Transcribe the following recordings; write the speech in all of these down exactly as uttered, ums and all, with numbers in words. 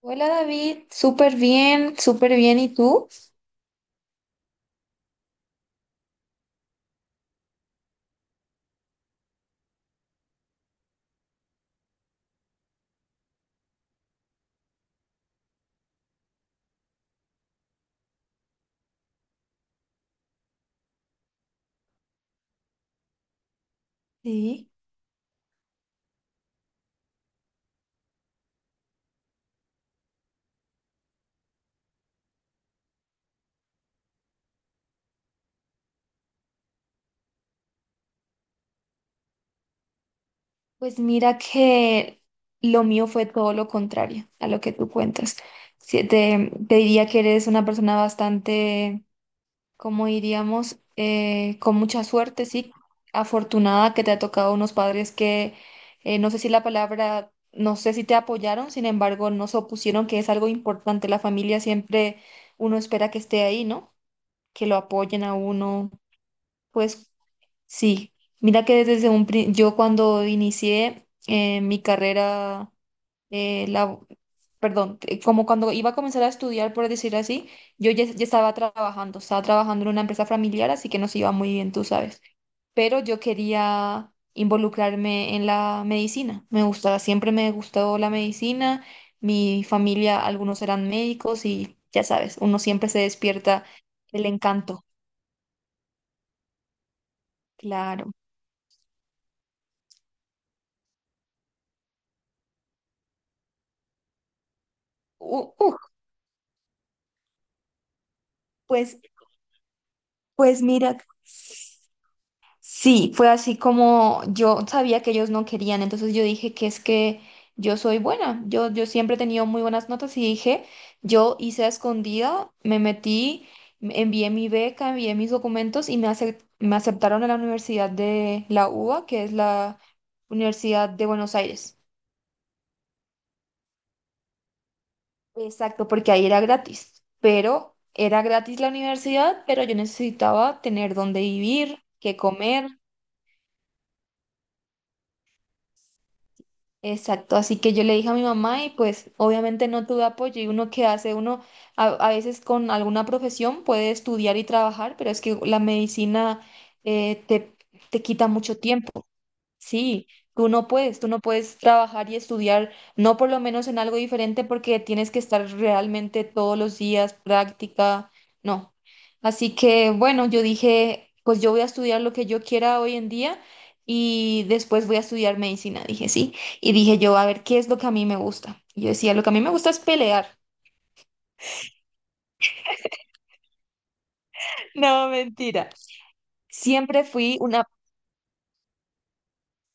Hola David, súper bien, súper bien. ¿Y tú? Sí. Pues mira que lo mío fue todo lo contrario a lo que tú cuentas. Sí, te, te diría que eres una persona bastante, como diríamos, eh, con mucha suerte, sí, afortunada que te ha tocado unos padres que, eh, no sé si la palabra, no sé si te apoyaron, sin embargo, no se opusieron, que es algo importante. La familia siempre uno espera que esté ahí, ¿no? Que lo apoyen a uno. Pues sí, mira que desde un pri- yo cuando inicié eh, mi carrera, eh, la, perdón, eh, como cuando iba a comenzar a estudiar, por decir así, yo ya, ya estaba trabajando, estaba trabajando en una empresa familiar, así que nos iba muy bien, tú sabes. Pero yo quería involucrarme en la medicina, me gustaba, siempre me gustó la medicina, mi familia, algunos eran médicos y ya sabes, uno siempre se despierta el encanto, claro. U- uf, pues Pues mira, sí, fue así como yo sabía que ellos no querían, entonces yo dije que es que yo soy buena, yo, yo siempre he tenido muy buenas notas y dije, yo hice a escondida, me metí, me- envié mi beca, envié mis documentos y me, acep- me aceptaron a la Universidad de la U B A, que es la Universidad de Buenos Aires. Exacto, porque ahí era gratis, pero era gratis la universidad, pero yo necesitaba tener dónde vivir, qué comer. Exacto, así que yo le dije a mi mamá y pues obviamente no tuve apoyo y uno que hace, uno a, a veces con alguna profesión puede estudiar y trabajar, pero es que la medicina eh, te, te quita mucho tiempo. Sí, tú no puedes, tú no puedes trabajar y estudiar, no por lo menos en algo diferente porque tienes que estar realmente todos los días, práctica, no. Así que bueno, yo dije, pues yo voy a estudiar lo que yo quiera hoy en día y después voy a estudiar medicina, dije sí. Y dije yo, a ver, ¿qué es lo que a mí me gusta? Y yo decía, lo que a mí me gusta es pelear. No, mentira. Siempre fui una.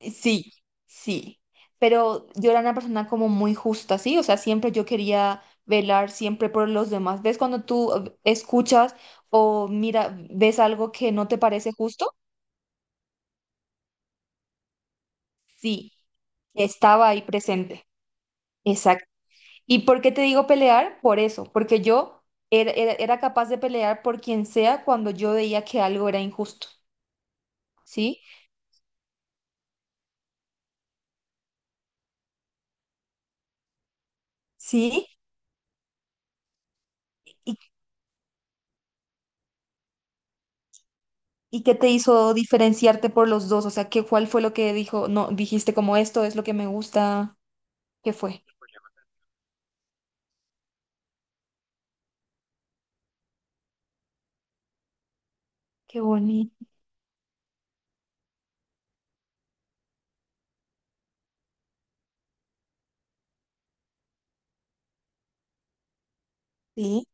Sí, sí, pero yo era una persona como muy justa, ¿sí? O sea, siempre yo quería velar siempre por los demás. ¿Ves cuando tú eh, escuchas o mira, ves algo que no te parece justo? Sí, estaba ahí presente. Exacto. ¿Y por qué te digo pelear? Por eso, porque yo era, era, era capaz de pelear por quien sea cuando yo veía que algo era injusto, ¿sí? Sí, y ¿Y qué te hizo diferenciarte por los dos? O sea, ¿qué, cuál fue lo que dijo? No, dijiste como esto es lo que me gusta. ¿Qué fue? Qué bonito. Sí,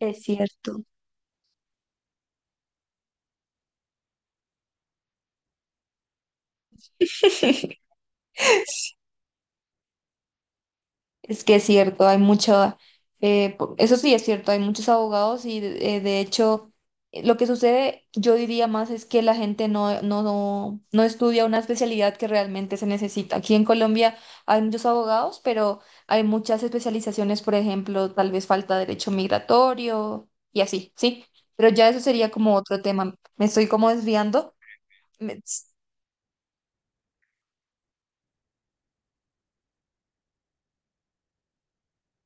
es cierto. Es que es cierto, hay mucho, eh, po- eso sí es cierto, hay muchos abogados y de, eh, de hecho eh, lo que sucede, yo diría más, es que la gente no, no, no, no estudia una especialidad que realmente se necesita. Aquí en Colombia hay muchos abogados, pero hay muchas especializaciones, por ejemplo, tal vez falta derecho migratorio y así, ¿sí? Pero ya eso sería como otro tema. Me estoy como desviando. Me-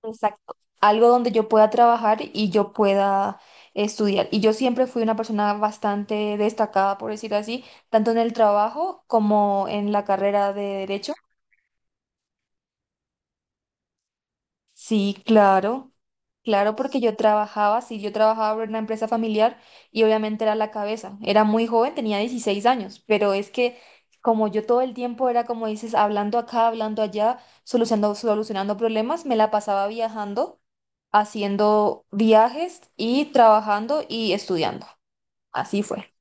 Exacto. Algo donde yo pueda trabajar y yo pueda estudiar. Y yo siempre fui una persona bastante destacada, por decir así, tanto en el trabajo como en la carrera de derecho. Sí, claro, claro, porque yo trabajaba, sí, yo trabajaba en una empresa familiar y obviamente era la cabeza. Era muy joven, tenía dieciséis años, pero es que como yo todo el tiempo era, como dices, hablando acá, hablando allá, solucionando, solucionando problemas, me la pasaba viajando. Haciendo viajes y trabajando y estudiando. Así fue.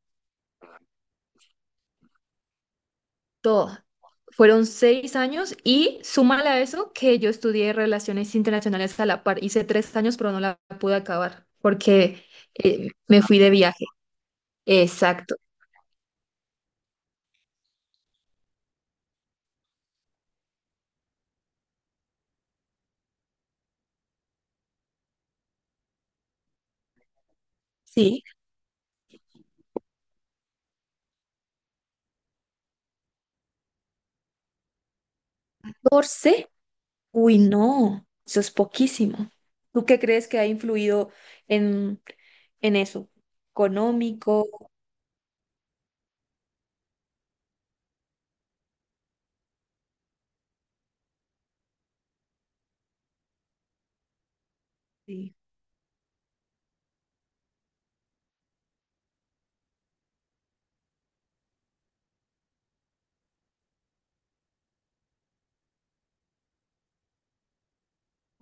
Toda. Fueron seis años y súmale a eso que yo estudié relaciones internacionales a la par. Hice tres años, pero no la pude acabar porque eh, me fui de viaje. Exacto. Sí. catorce. Uy, no, eso es poquísimo. ¿Tú qué crees que ha influido en, en eso? ¿Económico?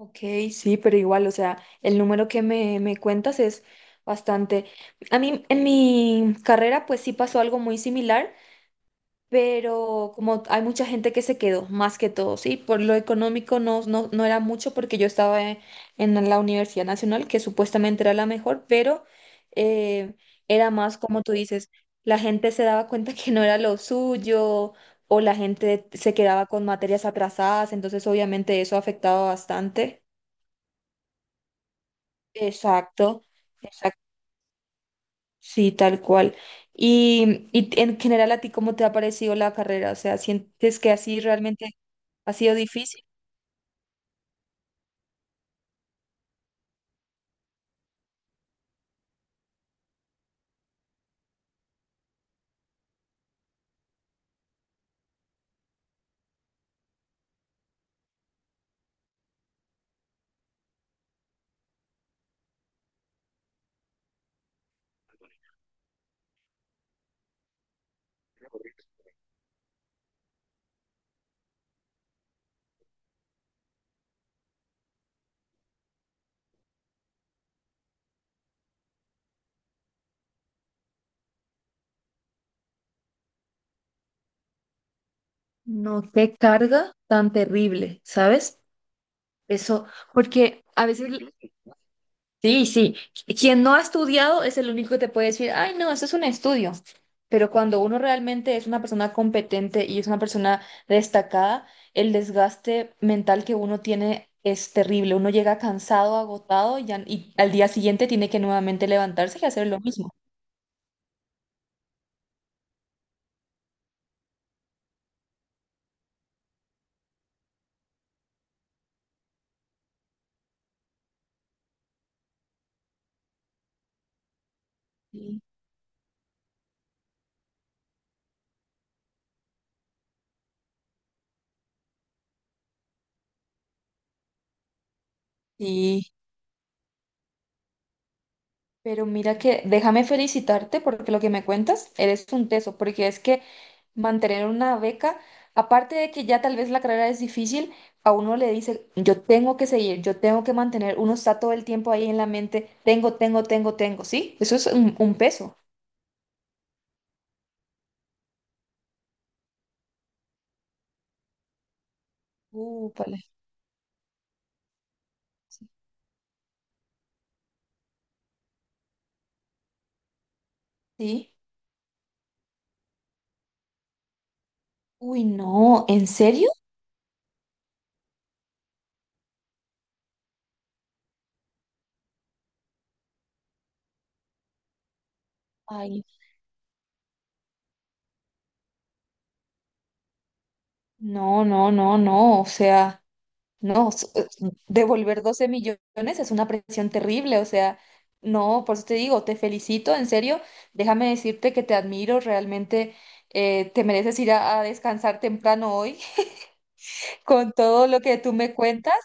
Ok, sí, pero igual, o sea, el número que me, me cuentas es bastante. A mí en mi carrera pues sí pasó algo muy similar, pero como hay mucha gente que se quedó, más que todo, sí, por lo económico no, no, no era mucho porque yo estaba en, en la Universidad Nacional, que supuestamente era la mejor, pero eh, era más como tú dices, la gente se daba cuenta que no era lo suyo o la gente se quedaba con materias atrasadas, entonces obviamente eso afectaba bastante. Exacto, exacto, sí, tal cual. Y, y en general, ¿a ti cómo te ha parecido la carrera? O sea, ¿sientes que así realmente ha sido difícil? No, qué carga tan terrible, ¿sabes? Eso, porque a veces. Sí, sí. Qu- Quien no ha estudiado es el único que te puede decir, ay, no, eso es un estudio. Pero cuando uno realmente es una persona competente y es una persona destacada, el desgaste mental que uno tiene es terrible. Uno llega cansado, agotado y, ya- y al día siguiente tiene que nuevamente levantarse y hacer lo mismo. Sí. Sí. Pero mira que déjame felicitarte porque lo que me cuentas, eres un teso, porque es que mantener una beca, aparte de que ya tal vez la carrera es difícil, a uno le dice, yo tengo que seguir, yo tengo que mantener, uno está todo el tiempo ahí en la mente, tengo, tengo, tengo, tengo, ¿sí? Eso es un, un peso. Uh, vale. Sí. Sí. Uy, no, ¿en serio? Ay, no, no, no, no, o sea. No, s- eh, devolver doce millones es una presión terrible, o sea, no, por eso te digo, te felicito, en serio, déjame decirte que te admiro, realmente eh, te mereces ir a, a descansar temprano hoy con todo lo que tú me cuentas.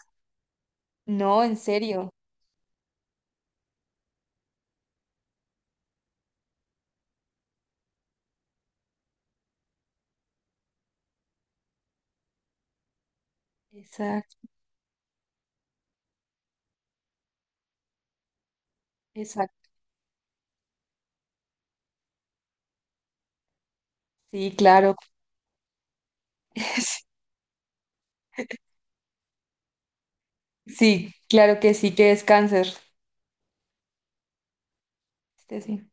No, en serio. Exacto, exacto. Sí, claro. Sí, claro que sí, que descanses. Este, sí.